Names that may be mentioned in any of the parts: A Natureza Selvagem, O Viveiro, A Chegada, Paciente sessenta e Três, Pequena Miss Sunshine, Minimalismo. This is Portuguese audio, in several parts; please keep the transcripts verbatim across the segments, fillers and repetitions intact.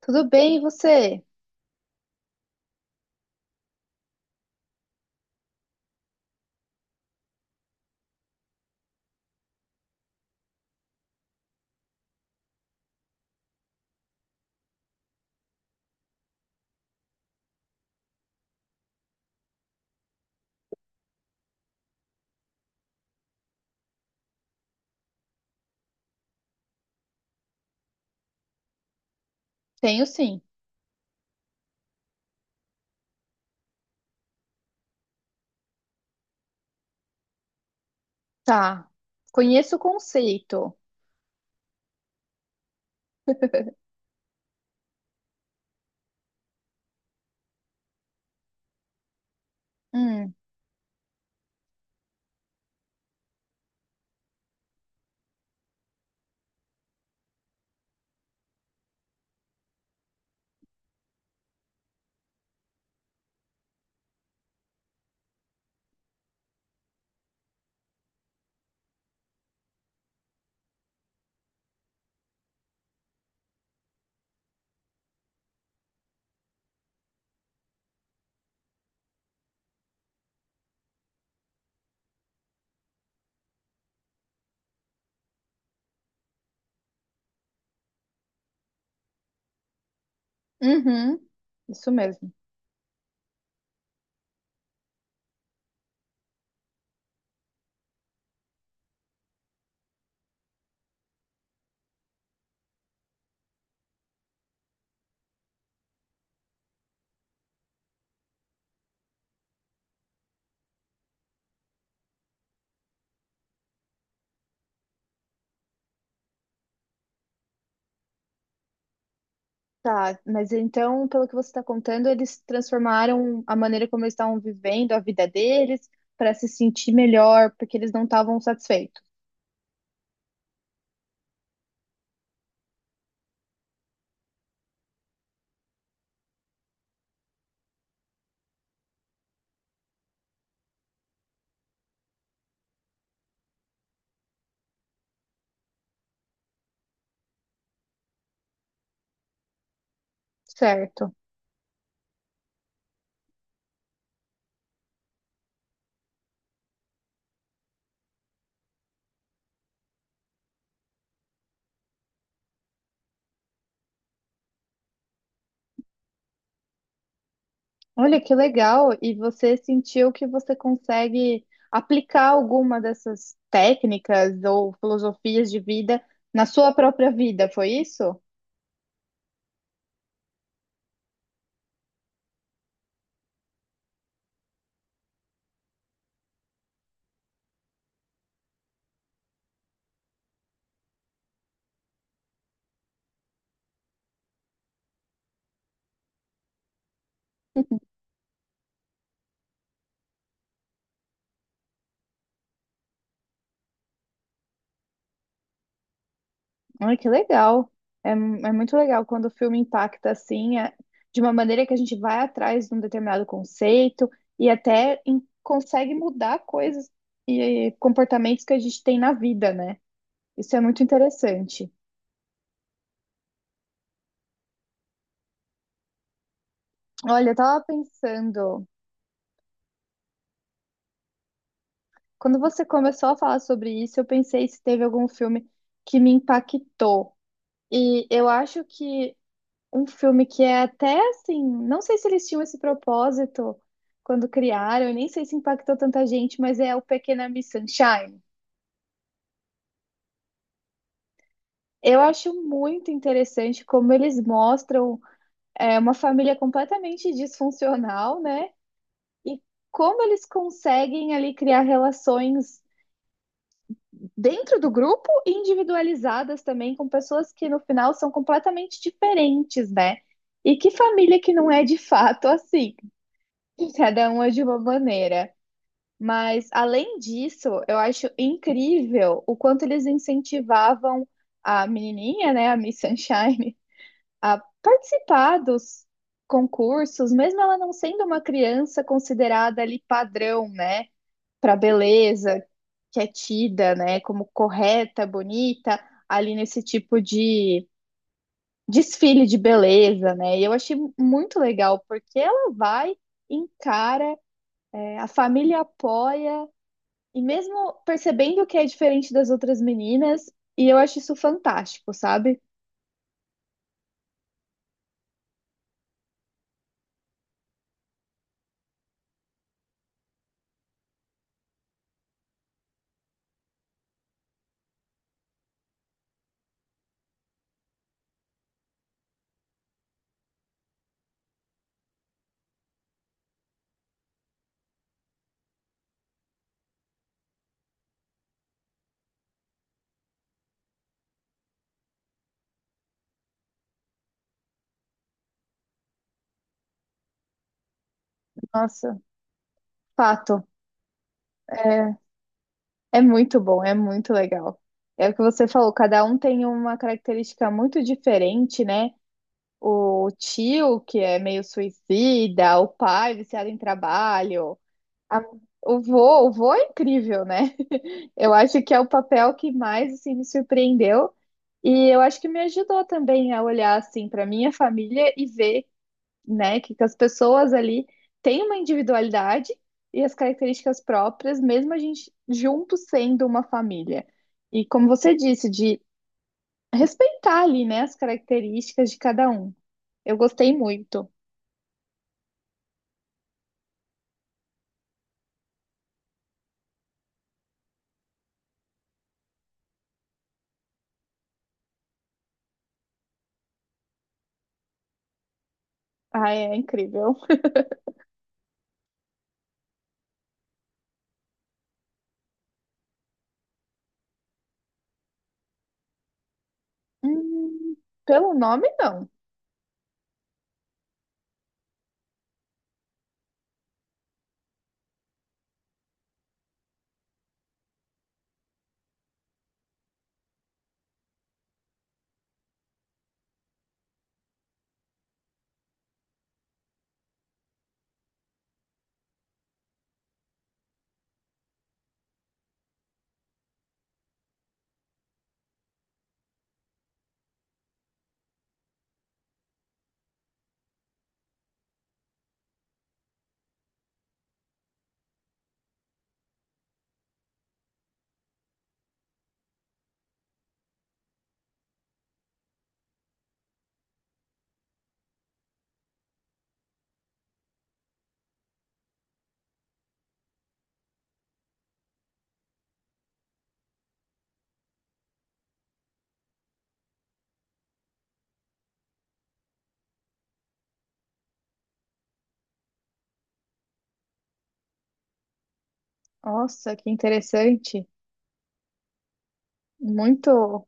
Tudo bem, e você? Tenho sim. Tá. Conheço o conceito. Hum, uhum, isso mesmo. Tá, mas então, pelo que você está contando, eles transformaram a maneira como eles estavam vivendo a vida deles para se sentir melhor, porque eles não estavam satisfeitos. Certo. Olha que legal! E você sentiu que você consegue aplicar alguma dessas técnicas ou filosofias de vida na sua própria vida, foi isso? Ai, que legal. É, mu- é muito legal quando o filme impacta assim, é- de uma maneira que a gente vai atrás de um determinado conceito e até em- consegue mudar coisas e comportamentos que a gente tem na vida, né? Isso é muito interessante. Olha, eu tava pensando, quando você começou a falar sobre isso, eu pensei se teve algum filme que me impactou. E eu acho que um filme que é até assim, não sei se eles tinham esse propósito quando criaram, e nem sei se impactou tanta gente, mas é o Pequena Miss Sunshine. Eu acho muito interessante como eles mostram é, uma família completamente disfuncional, né? E como eles conseguem ali criar relações dentro do grupo e individualizadas também com pessoas que no final são completamente diferentes, né? E que família que não é de fato assim? Cada uma de uma maneira. Mas, além disso, eu acho incrível o quanto eles incentivavam a menininha, né, a Miss Sunshine, a participar dos concursos, mesmo ela não sendo uma criança considerada ali padrão, né, para beleza, que é tida, né, como correta, bonita, ali nesse tipo de desfile de beleza, né? E eu achei muito legal, porque ela vai, encara, é, a família apoia e mesmo percebendo que é diferente das outras meninas, e eu acho isso fantástico, sabe? Nossa, fato. É, é muito bom, é muito legal. É o que você falou, cada um tem uma característica muito diferente, né? O tio, que é meio suicida, o pai viciado em trabalho, a- o vô, o vô é incrível, né? Eu acho que é o papel que mais assim, me surpreendeu. E eu acho que me ajudou também a olhar assim para minha família e ver né? Que, que as pessoas ali têm uma individualidade e as características próprias, mesmo a gente junto sendo uma família. E como você disse, de respeitar ali, né, as características de cada um. Eu gostei muito. Ah, é incrível. Hum, pelo nome, não. Nossa, que interessante. Muito.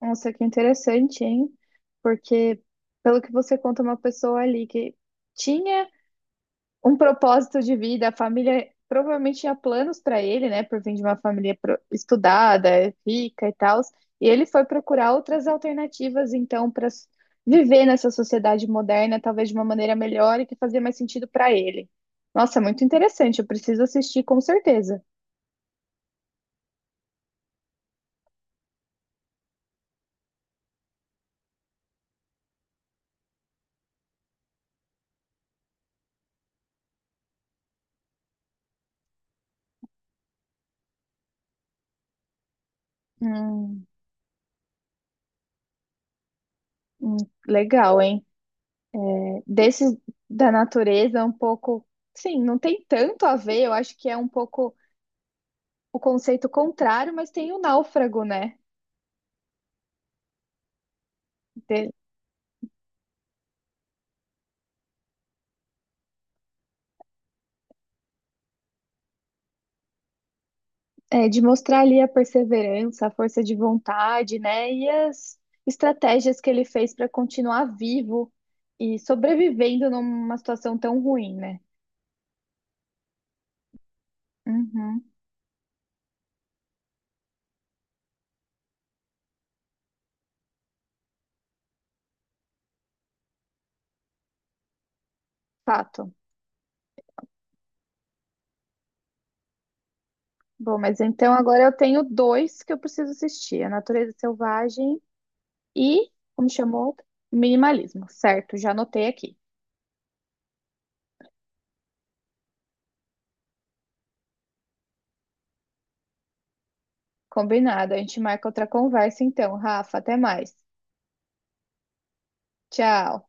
Nossa, que interessante, hein? Porque, pelo que você conta, uma pessoa ali que tinha um propósito de vida. A família provavelmente tinha planos para ele, né? Por vir de uma família pro- estudada, rica e tal. E ele foi procurar outras alternativas, então, para viver nessa sociedade moderna, talvez de uma maneira melhor e que fazia mais sentido para ele. Nossa, é muito interessante. Eu preciso assistir com certeza. Hum, hum, legal, hein? Desses da natureza, um pouco. Sim, não tem tanto a ver. Eu acho que é um pouco o conceito contrário, mas tem o náufrago, né? É, de mostrar ali a perseverança, a força de vontade, né? E as estratégias que ele fez para continuar vivo e sobrevivendo numa situação tão ruim, né? Uhum, fato. Bom, mas então agora eu tenho dois que eu preciso assistir: A Natureza Selvagem e, como chamou? Minimalismo. Certo, já anotei aqui. Combinado. A gente marca outra conversa então, Rafa. Até mais. Tchau.